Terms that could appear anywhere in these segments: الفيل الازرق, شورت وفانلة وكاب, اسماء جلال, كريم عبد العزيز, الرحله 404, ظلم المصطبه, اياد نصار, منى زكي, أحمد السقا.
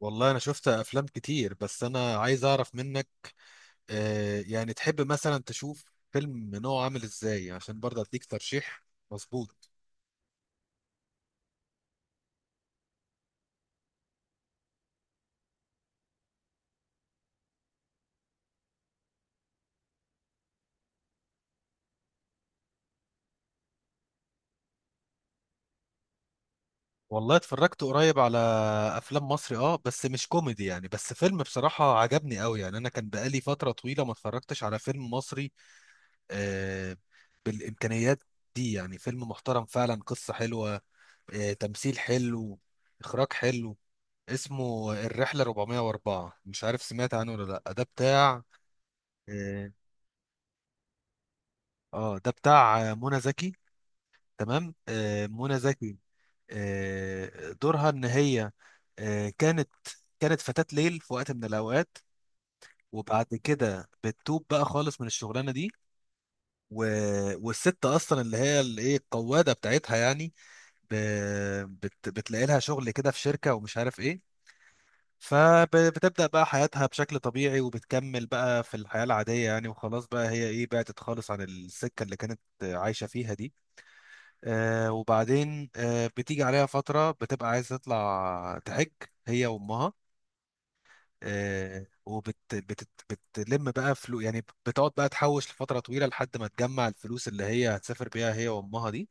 والله انا شفت افلام كتير، بس انا عايز اعرف منك. يعني تحب مثلا تشوف فيلم نوعه عامل ازاي، عشان برضه اديك ترشيح مظبوط. والله اتفرجت قريب على افلام مصري، بس مش كوميدي يعني. بس فيلم بصراحة عجبني قوي، يعني انا كان بقالي فترة طويلة ما اتفرجتش على فيلم مصري. آه بالامكانيات دي، يعني فيلم محترم فعلا، قصة حلوة، تمثيل حلو، اخراج حلو. اسمه الرحله 404، مش عارف سمعت عنه ولا لا. ده بتاع اه منى زكي. تمام. منى زكي. دورها ان هي آه، كانت كانت فتاة ليل في وقت من الاوقات، وبعد كده بتتوب بقى خالص من الشغلانه دي. و... والست اصلا اللي هي الايه، القواده بتاعتها يعني، ب... بتلاقي لها شغل كده في شركه ومش عارف ايه. فبتبدأ بقى حياتها بشكل طبيعي، وبتكمل بقى في الحياة العادية، يعني وخلاص بقى هي ايه، بعدت خالص عن السكة اللي كانت عايشة فيها دي. وبعدين بتيجي عليها فترة بتبقى عايزة تطلع تحج هي وأمها. آه وبت بت بتلم بقى فلوس، يعني بتقعد بقى تحوش لفترة طويلة، لحد ما تجمع الفلوس اللي هي هتسافر بيها هي وأمها دي.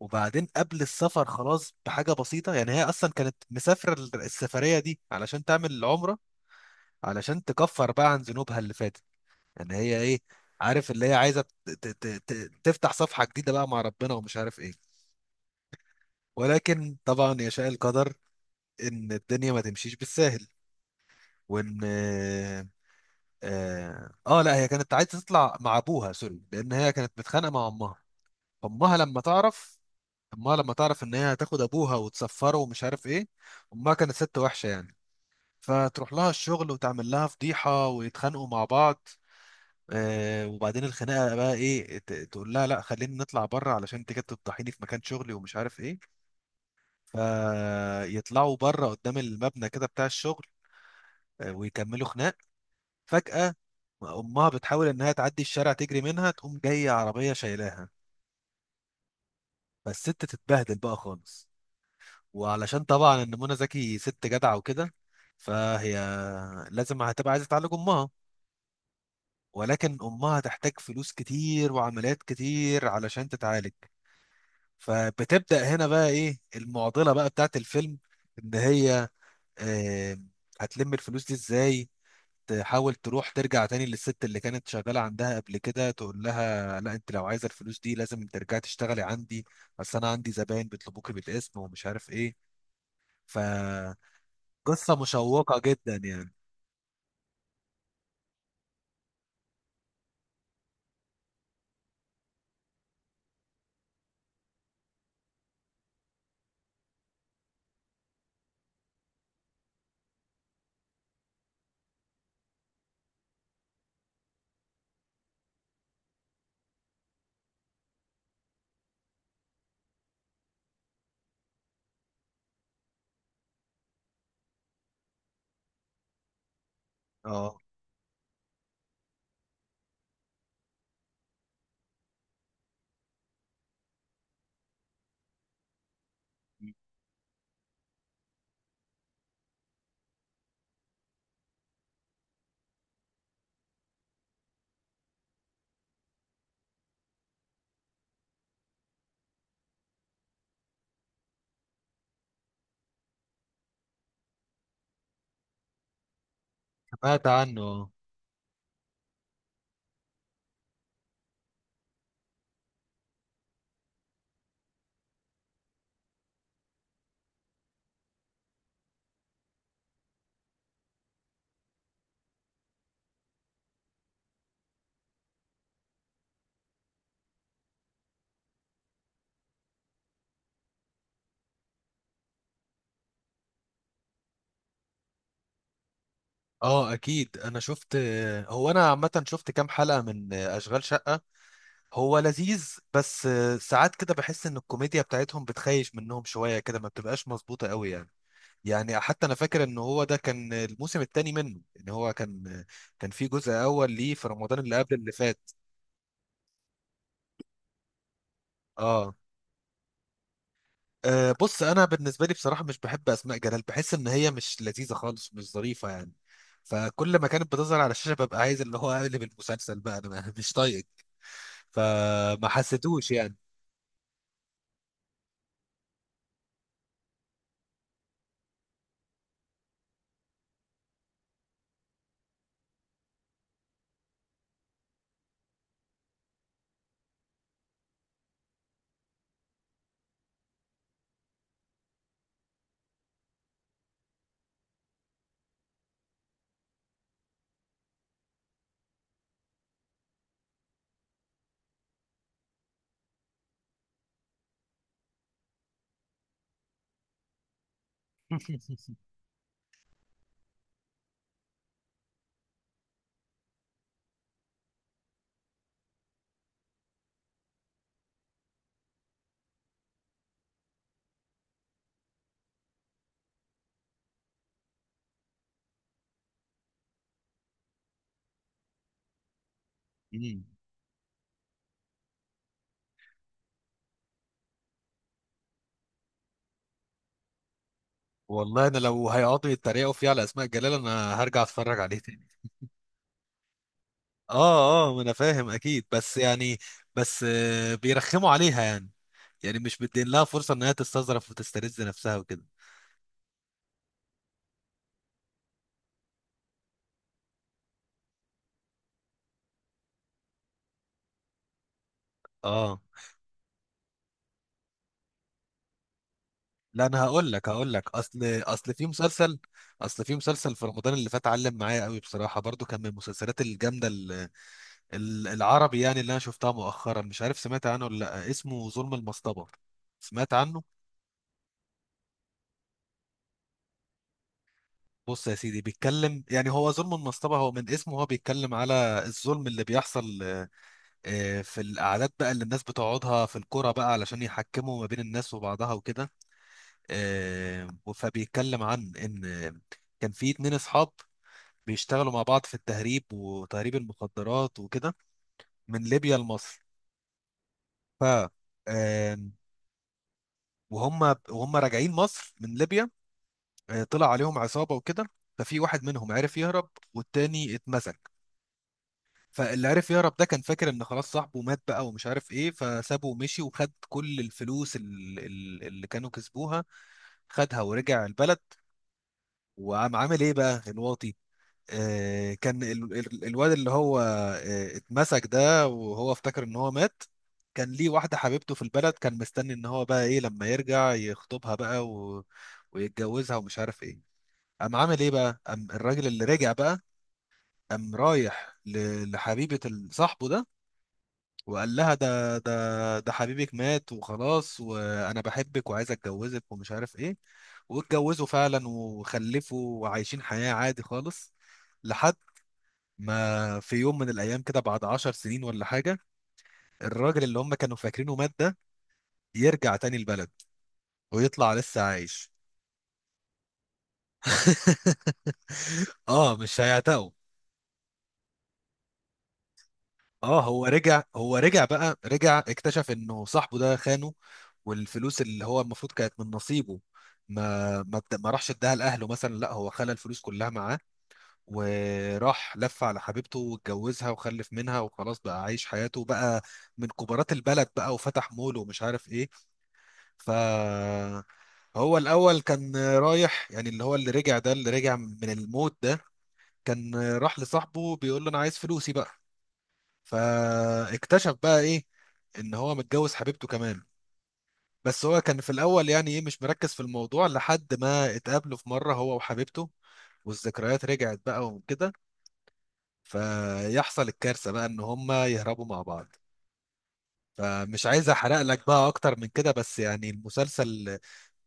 وبعدين قبل السفر خلاص، بحاجة بسيطة، يعني هي أصلا كانت مسافرة السفرية دي علشان تعمل العمرة، علشان تكفر بقى عن ذنوبها اللي فاتت. يعني هي ايه، عارف، اللي هي عايزه تفتح صفحه جديده بقى مع ربنا ومش عارف ايه. ولكن طبعا يشاء القدر ان الدنيا ما تمشيش بالساهل. وان اه, آه آه، لا، هي كانت عايزه تطلع مع ابوها سوري، لان هي كانت متخانقه مع امها. امها لما تعرف امها لما تعرف ان هي هتاخد ابوها وتسفره ومش عارف ايه. امها كانت ست وحشه يعني. فتروح لها الشغل وتعمل لها فضيحه ويتخانقوا مع بعض. وبعدين الخناقه بقى ايه، تقول لها لا، خلينا نطلع بره، علشان انت كده بتفضحيني في مكان شغلي ومش عارف ايه. فيطلعوا بره قدام المبنى كده بتاع الشغل. ويكملوا خناق. فجاه امها بتحاول انها تعدي الشارع، تجري منها، تقوم جايه عربيه شايلاها. فالست تتبهدل بقى خالص. وعلشان طبعا ان منى زكي ست جدعه وكده، فهي لازم هتبقى عايزه تعالج امها. ولكن امها هتحتاج فلوس كتير وعمليات كتير علشان تتعالج. فبتبدأ هنا بقى ايه المعضلة بقى بتاعت الفيلم، ان هي آه، هتلم الفلوس دي ازاي. تحاول تروح ترجع تاني للست اللي كانت شغالة عندها قبل كده، تقول لها لا، انت لو عايزة الفلوس دي لازم ترجعي تشتغلي عندي، بس انا عندي زباين بيطلبوكي بالاسم ومش عارف ايه. فقصة مشوقة جدا يعني. اه، سمعت عنه. اه. اكيد انا شفت. هو انا عامة شفت كام حلقة من اشغال شقة. هو لذيذ، بس ساعات كده بحس ان الكوميديا بتاعتهم بتخيش منهم شويه كده، ما بتبقاش مظبوطه قوي يعني. يعني حتى انا فاكر ان هو ده كان الموسم الثاني منه، ان هو كان في جزء اول ليه في رمضان اللي قبل اللي فات. اه. بص، انا بالنسبه لي بصراحه مش بحب اسماء جلال، بحس ان هي مش لذيذه خالص، مش ظريفه يعني. فكل ما كانت بتظهر على الشاشه ببقى عايز اللي هو اقلب المسلسل بقى انا. مش طايق. فما حسيتوش يعني؟ والله انا لو هيقعدوا يتريقوا فيه على اسماء جلال، انا هرجع اتفرج عليه تاني. اه اه، ما انا فاهم اكيد، بس يعني، بس بيرخموا عليها يعني. يعني مش مدين لها فرصه ان هي تستظرف وتسترز نفسها وكده. اه لا، انا هقول لك، هقول لك اصل اصل في مسلسل اصل في مسلسل في رمضان اللي فات علم معايا قوي بصراحه. برضو كان من المسلسلات الجامده، العربي يعني، اللي انا شفتها مؤخرا. مش عارف سمعت عنه ولا لا، اسمه ظلم المصطبه. سمعت عنه. بص يا سيدي، بيتكلم يعني، هو ظلم المصطبة هو من اسمه، هو بيتكلم على الظلم اللي بيحصل في القعدات بقى اللي الناس بتقعدها في الكرة بقى، علشان يحكموا ما بين الناس وبعضها وكده. آه، فبيتكلم عن إن كان في اتنين أصحاب بيشتغلوا مع بعض في التهريب وتهريب المخدرات وكده، من ليبيا لمصر. ف آه، وهم وهم راجعين مصر من ليبيا، طلع عليهم عصابة وكده. ففي واحد منهم عرف يهرب والتاني اتمسك. فاللي عرف يهرب ده كان فاكر ان خلاص صاحبه مات بقى ومش عارف ايه، فسابه ومشي وخد كل الفلوس اللي كانوا كسبوها، خدها ورجع البلد. وقام عامل ايه بقى الواطي. كان الواد اللي هو اتمسك ده، وهو افتكر ان هو مات، كان ليه واحدة حبيبته في البلد، كان مستني ان هو بقى ايه لما يرجع يخطبها بقى ويتجوزها ومش عارف ايه. قام عامل ايه بقى، قام الراجل اللي رجع بقى، قام رايح لحبيبة صاحبه ده، وقال لها ده حبيبك مات وخلاص، وانا بحبك وعايز اتجوزك ومش عارف ايه. واتجوزوا فعلا وخلفوا وعايشين حياة عادي خالص، لحد ما في يوم من الايام كده، بعد عشر سنين ولا حاجة، الراجل اللي هم كانوا فاكرينه مات ده يرجع تاني البلد ويطلع لسه عايش. اه، مش هيعتقوا. اه، هو رجع هو رجع بقى رجع اكتشف انه صاحبه ده خانه، والفلوس اللي هو المفروض كانت من نصيبه، ما راحش اداها لاهله مثلا. لا، هو خلى الفلوس كلها معاه، وراح لف على حبيبته واتجوزها وخلف منها، وخلاص بقى عايش حياته بقى من كبارات البلد بقى، وفتح مول ومش عارف ايه. ف هو الاول كان رايح، يعني اللي هو اللي رجع ده، اللي رجع من الموت ده، كان راح لصاحبه بيقول له انا عايز فلوسي بقى. فاكتشف بقى ايه ان هو متجوز حبيبته كمان. بس هو كان في الاول يعني ايه مش مركز في الموضوع، لحد ما اتقابلوا في مره هو وحبيبته، والذكريات رجعت بقى وكده، فيحصل الكارثه بقى ان هما يهربوا مع بعض. فمش عايز احرق لك بقى اكتر من كده، بس يعني المسلسل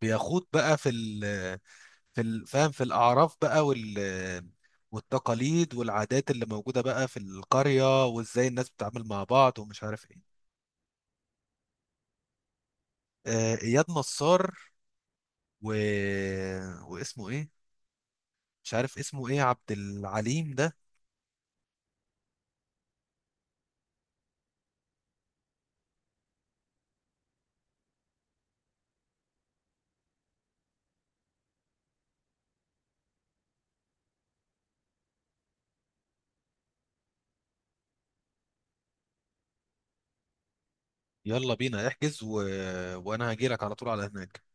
بيخوض بقى فاهم، في الأعراف بقى والتقاليد والعادات اللي موجودة بقى في القرية، وإزاي الناس بتتعامل مع بعض ومش عارف إيه. اياد نصار، و... آه، واسمه ايه، مش عارف اسمه ايه، عبد العليم ده. يلا بينا احجز، و... آه، وانا هجيلك على طول على هناك.